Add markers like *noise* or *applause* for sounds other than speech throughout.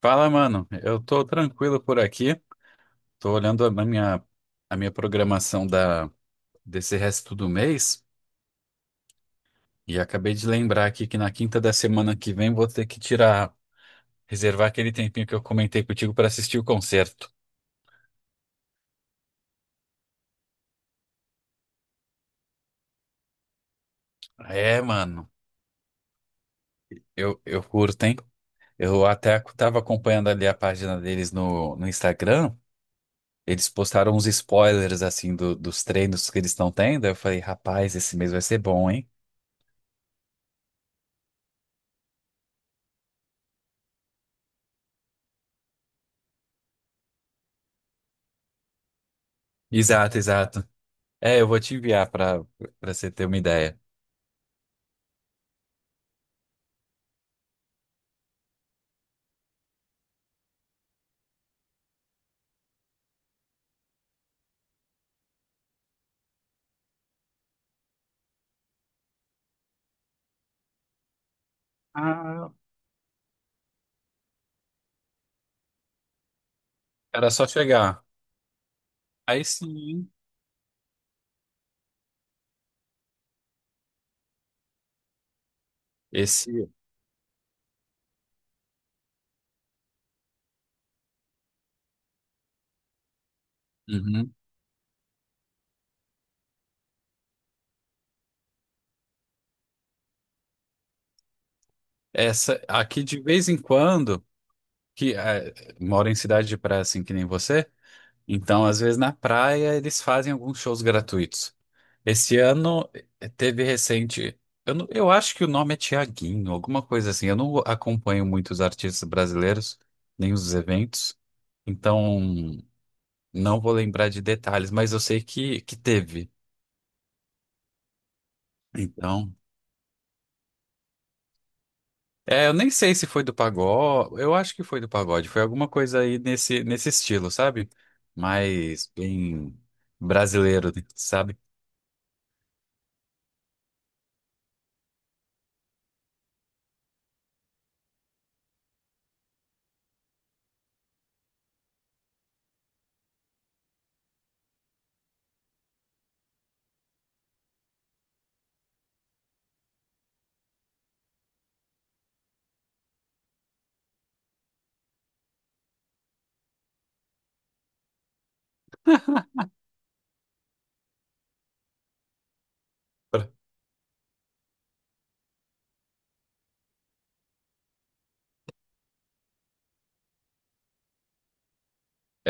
Fala, mano. Eu tô tranquilo por aqui. Tô olhando a minha, a minha programação da, desse resto do mês e acabei de lembrar aqui que na quinta da semana que vem vou ter que tirar, reservar aquele tempinho que eu comentei contigo pra assistir o concerto. É, mano. Eu curto, hein? Eu até tava acompanhando ali a página deles no Instagram. Eles postaram uns spoilers, assim, dos treinos que eles estão tendo. Eu falei, rapaz, esse mês vai ser bom, hein? Exato, exato. É, eu vou te enviar para você ter uma ideia. Ah, era só chegar. Aí sim, esse, uhum, essa aqui de vez em quando que é, moro em cidade de praia assim que nem você, então às vezes na praia eles fazem alguns shows gratuitos. Esse ano teve recente, eu acho que o nome é Tiaguinho, alguma coisa assim. Eu não acompanho muito os artistas brasileiros nem os eventos, então não vou lembrar de detalhes, mas eu sei que teve. Então, é, eu nem sei se foi do pagode, eu acho que foi do pagode, foi alguma coisa aí nesse, nesse estilo, sabe? Mas bem brasileiro, né, sabe?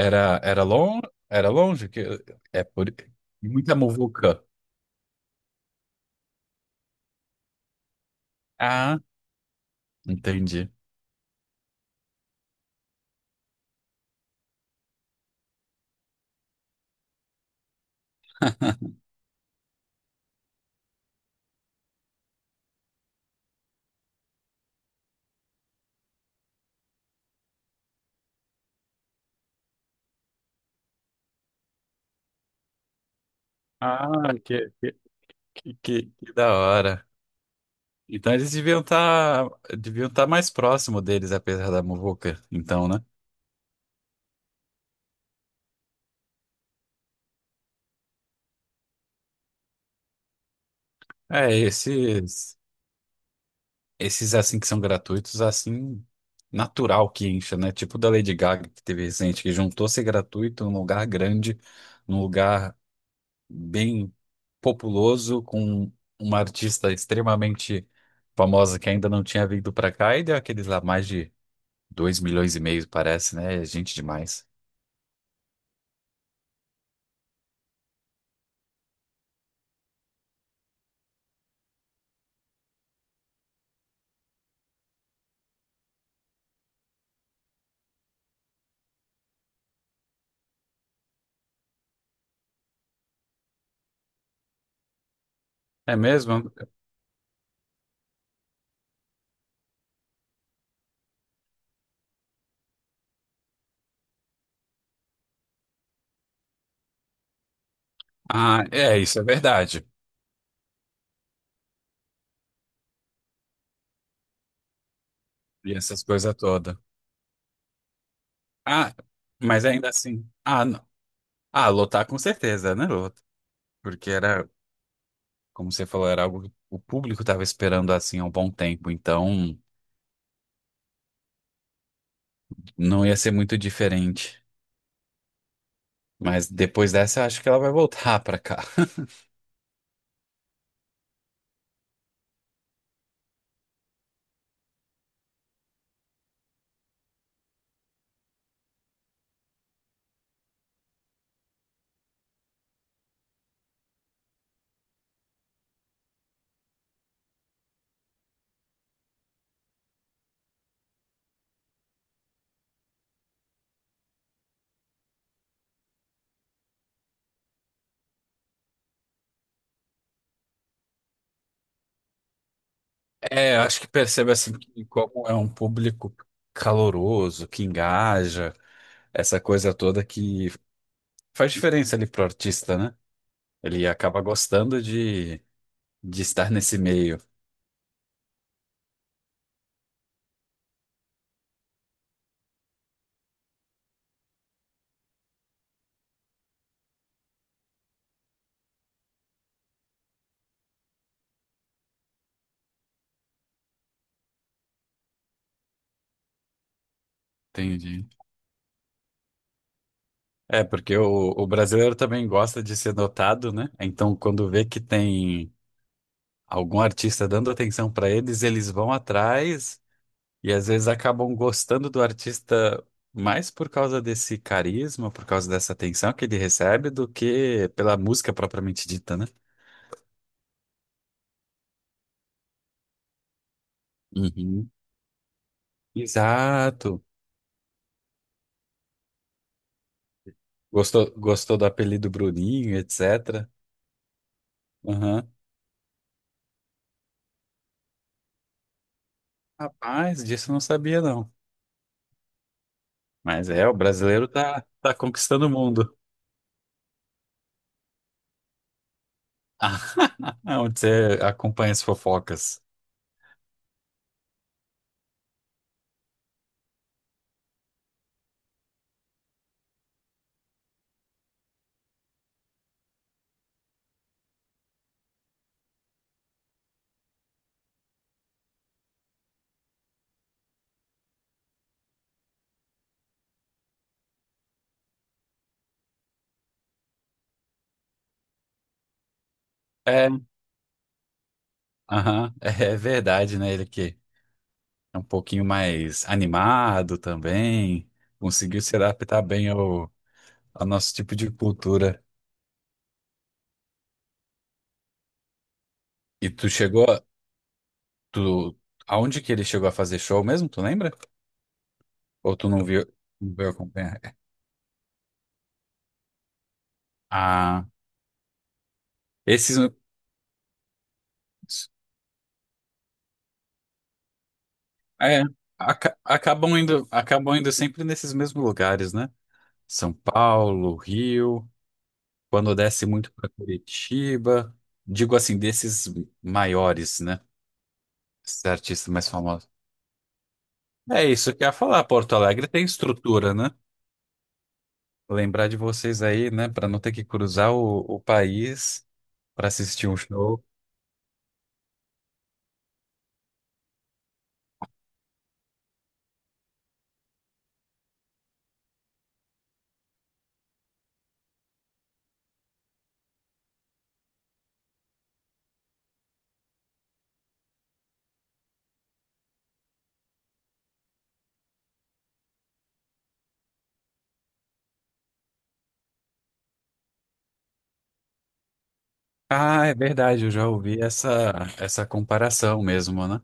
Era, era longe que é por e muita muvuca. Ah, entendi. Ah, que, que, que da hora. Então eles deviam estar deviam tá mais próximo deles, apesar da muvuca, então, né? É, esse. Esses assim que são gratuitos, assim, natural que incha, né? Tipo da Lady Gaga que teve recente, que juntou ser gratuito num lugar grande, num lugar bem populoso, com uma artista extremamente famosa que ainda não tinha vindo pra cá e deu aqueles lá mais de 2 milhões e meio, parece, né? É gente demais. É mesmo? Ah, é, isso é verdade. E essas coisas todas. Ah, mas ainda assim. Ah, não. Ah, lotar com certeza, né? Lota. Porque era. Como você falou, era algo que o público estava esperando assim há um bom tempo, então não ia ser muito diferente. Mas depois dessa, acho que ela vai voltar para cá. É, eu acho que percebe assim que como é um público caloroso, que engaja, essa coisa toda que faz diferença ali pro artista, né? Ele acaba gostando de estar nesse meio. Entendi. É, porque o brasileiro também gosta de ser notado, né? Então, quando vê que tem algum artista dando atenção para eles, eles vão atrás e às vezes acabam gostando do artista mais por causa desse carisma, por causa dessa atenção que ele recebe, do que pela música propriamente dita, né? Uhum. Exato. Gostou, gostou do apelido Bruninho, etc. Uhum. Rapaz, disso eu não sabia, não. Mas é, o brasileiro tá, tá conquistando o mundo. *laughs* Onde você acompanha as fofocas. É, aham, é verdade, né? Ele que é um pouquinho mais animado também. Conseguiu se adaptar bem ao, ao nosso tipo de cultura. E tu chegou a, tu, aonde que ele chegou a fazer show mesmo, tu lembra? Ou tu não viu, não veio acompanhar? Ah, esses é, acabam indo sempre nesses mesmos lugares, né? São Paulo, Rio, quando desce muito para Curitiba, digo assim, desses maiores, né? Esses artistas mais famosos. É isso que eu ia falar. Porto Alegre tem estrutura, né? Lembrar de vocês aí, né? Para não ter que cruzar o país para assistir um show. Ah, é verdade, eu já ouvi essa, essa comparação mesmo, né?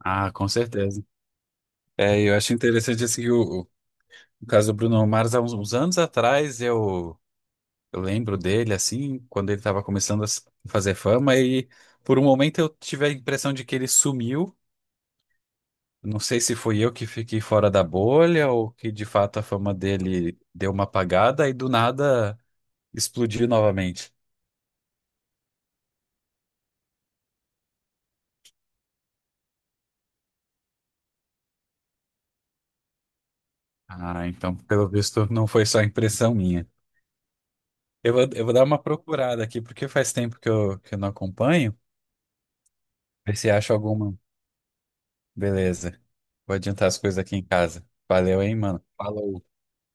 Ah, com certeza. É, eu acho interessante assim, que o caso do Bruno Mars, há uns, uns anos atrás, eu lembro dele, assim, quando ele estava começando a fazer fama, e por um momento eu tive a impressão de que ele sumiu. Não sei se fui eu que fiquei fora da bolha ou que de fato a fama dele deu uma apagada e do nada explodiu novamente. Ah, então pelo visto não foi só impressão minha. Eu vou dar uma procurada aqui porque faz tempo que eu não acompanho. Ver se acho alguma. Beleza. Vou adiantar as coisas aqui em casa. Valeu, hein, mano. Falou.